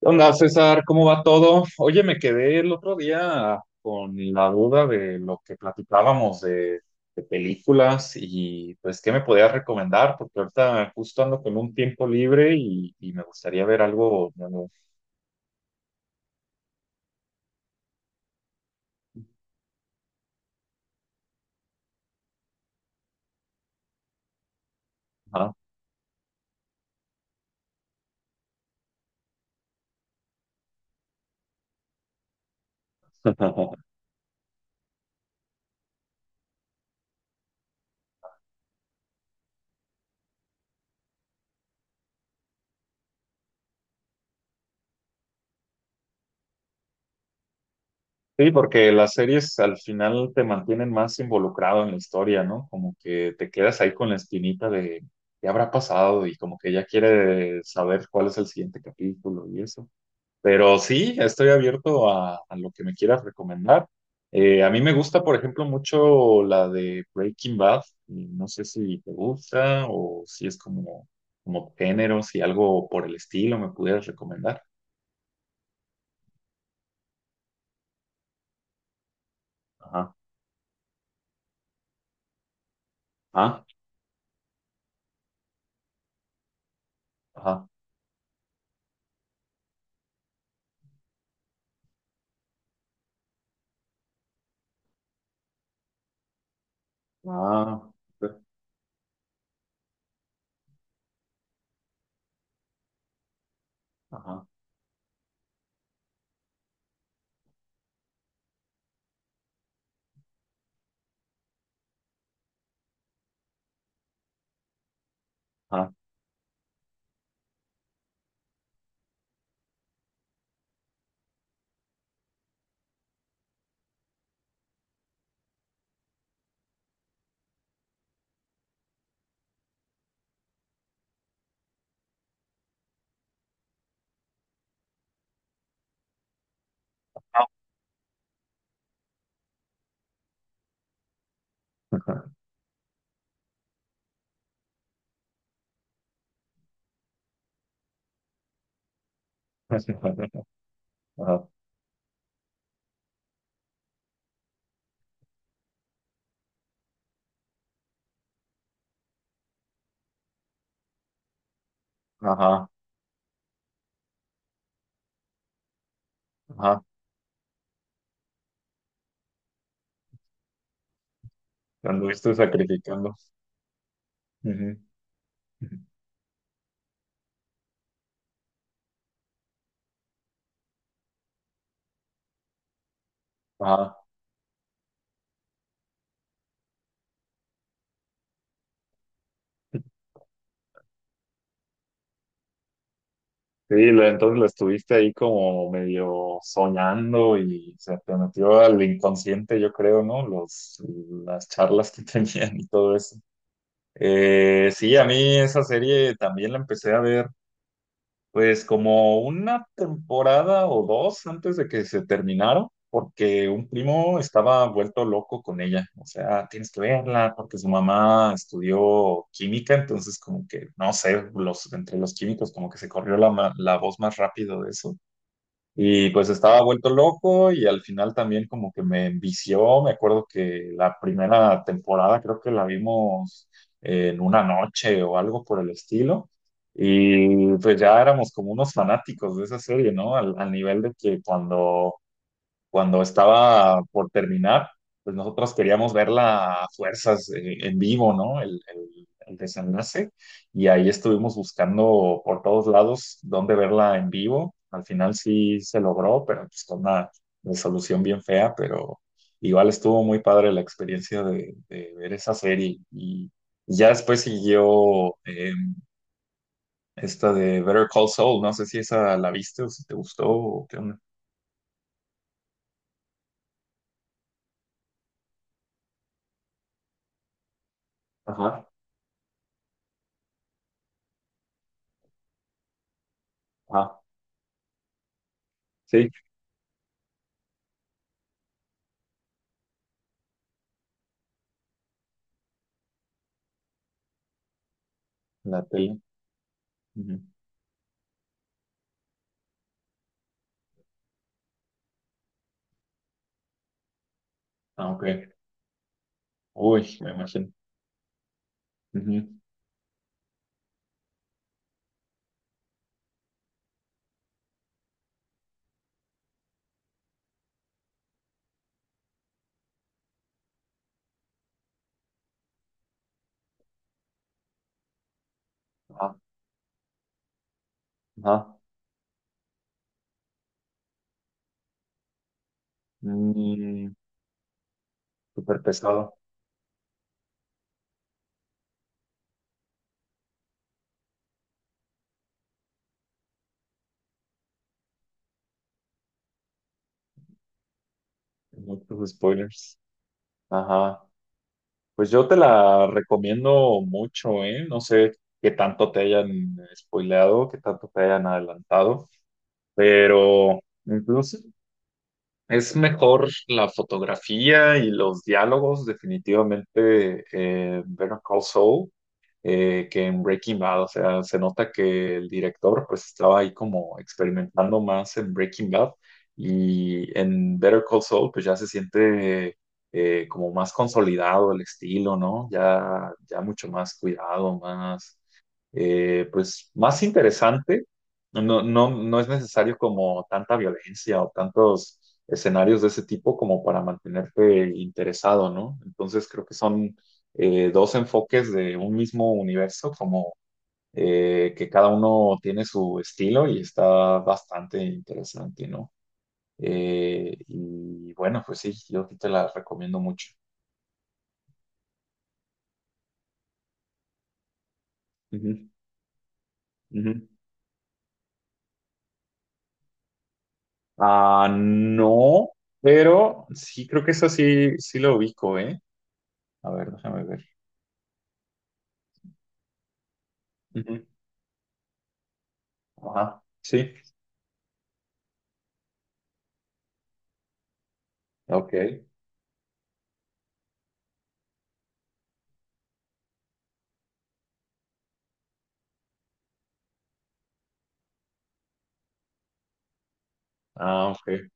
¿Qué onda, César? ¿Cómo va todo? Oye, me quedé el otro día con la duda de lo que platicábamos de películas y pues, ¿qué me podías recomendar? Porque ahorita justo ando con un tiempo libre y me gustaría ver algo nuevo. Ajá. Sí, porque las series al final te mantienen más involucrado en la historia, ¿no? Como que te quedas ahí con la espinita de qué habrá pasado y como que ya quieres saber cuál es el siguiente capítulo y eso. Pero sí, estoy abierto a lo que me quieras recomendar. A mí me gusta, por ejemplo, mucho la de Breaking Bad. Y no sé si te gusta o si es como, como género, si algo por el estilo me pudieras recomendar. Ajá, ajá, ajá, ah, ajá, ajá, ajá, ajá, ajá, ajá, ajá. Cuando estoy sacrificando. Ujú. Ajá. Sí, entonces lo estuviste ahí como medio soñando y se te metió al inconsciente, yo creo, ¿no? Los, las charlas que tenían y todo eso. Sí, a mí esa serie también la empecé a ver pues como una temporada o dos antes de que se terminaron, porque un primo estaba vuelto loco con ella. O sea, tienes que verla porque su mamá estudió química, entonces como que, no sé, los, entre los químicos como que se corrió la, la voz más rápido de eso. Y pues estaba vuelto loco y al final también como que me envició. Me acuerdo que la primera temporada creo que la vimos en una noche o algo por el estilo. Y pues ya éramos como unos fanáticos de esa serie, ¿no? Al nivel de que cuando estaba por terminar, pues nosotros queríamos verla a fuerzas en vivo, ¿no? El desenlace. Y ahí estuvimos buscando por todos lados dónde verla en vivo. Al final sí se logró, pero pues con una resolución bien fea, pero igual estuvo muy padre la experiencia de ver esa serie. Y ya después siguió esta de Better Call Saul. No sé si esa la viste o si te gustó o qué onda. Ajá, ajá, sí, la tele. Ujú. Ah, ok. Uy, me imagino. Ujú. Ajá. Ajá. Mm, súper pesado. Muchos spoilers. Ajá. Pues yo te la recomiendo mucho, ¿eh? No sé qué tanto te hayan spoileado, qué tanto te hayan adelantado, pero incluso es mejor la fotografía y los diálogos, definitivamente, Better Call Saul. Que en Breaking Bad. O sea, se nota que el director pues estaba ahí como experimentando más en Breaking Bad y en Better Call Saul pues ya se siente como más consolidado el estilo, ¿no? Ya, ya mucho más cuidado, más, pues más interesante. No, no, no es necesario como tanta violencia o tantos escenarios de ese tipo como para mantenerte interesado, ¿no? Entonces creo que son dos enfoques de un mismo universo, como que cada uno tiene su estilo y está bastante interesante, ¿no? Y bueno, pues sí, yo sí te la recomiendo mucho. Ujú, ujú. Ah, no, pero sí, creo que eso sí, sí lo ubico, ¿eh? A ver, déjame ver. Ujú. Ajá, sí, ok. Ah, ok.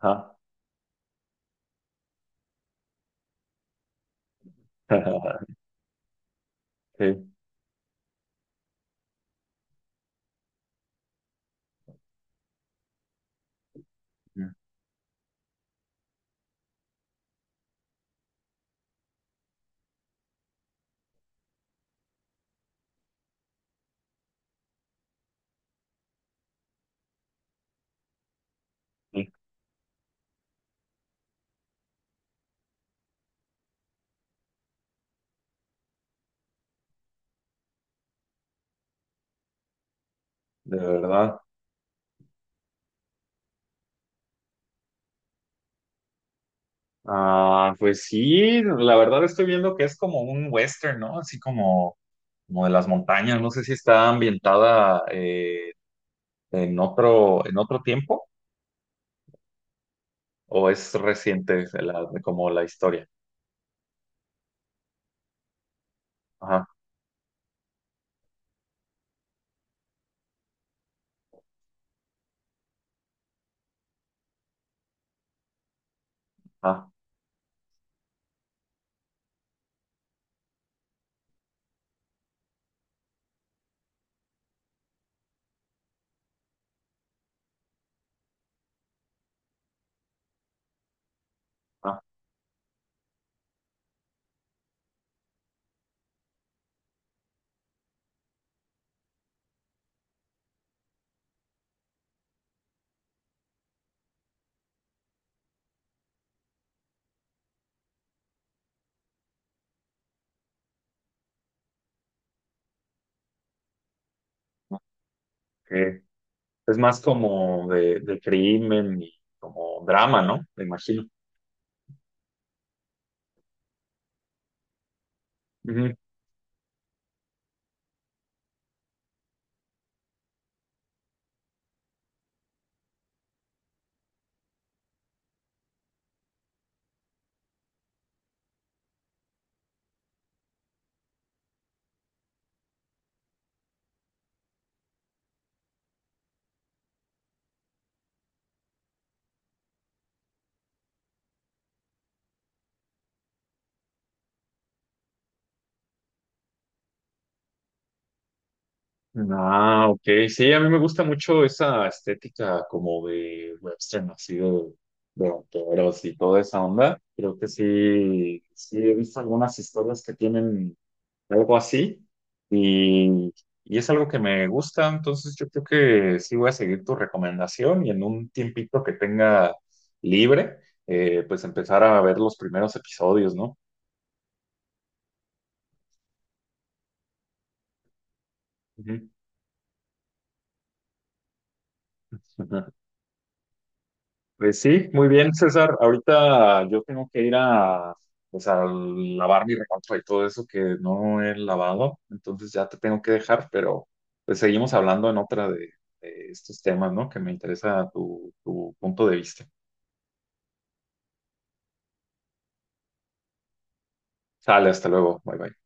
Ajá. Sí, sí, de verdad. Ah, pues sí, la verdad estoy viendo que es como un western, ¿no? Así como, como de las montañas. No sé si está ambientada en otro tiempo o es reciente como la historia. Ajá, ajá, ajá, ok. Es más como de crimen y como drama, ¿no? Me imagino. Ah, ok. Sí, a mí me gusta mucho esa estética como de western, así de vaqueros y toda esa onda. Creo que sí, sí he visto algunas historias que tienen algo así y, y es algo que me gusta. Entonces yo creo que sí voy a seguir tu recomendación y en un tiempito que tenga libre, pues empezar a ver los primeros episodios, ¿no? Ujú. Pues sí, muy bien, César. Ahorita yo tengo que ir a, pues a lavar mi ropa y todo eso que no he lavado, entonces ya te tengo que dejar, pero pues seguimos hablando en otra de estos temas, ¿no? Que me interesa tu, tu punto de vista. Sale, hasta luego. Bye bye.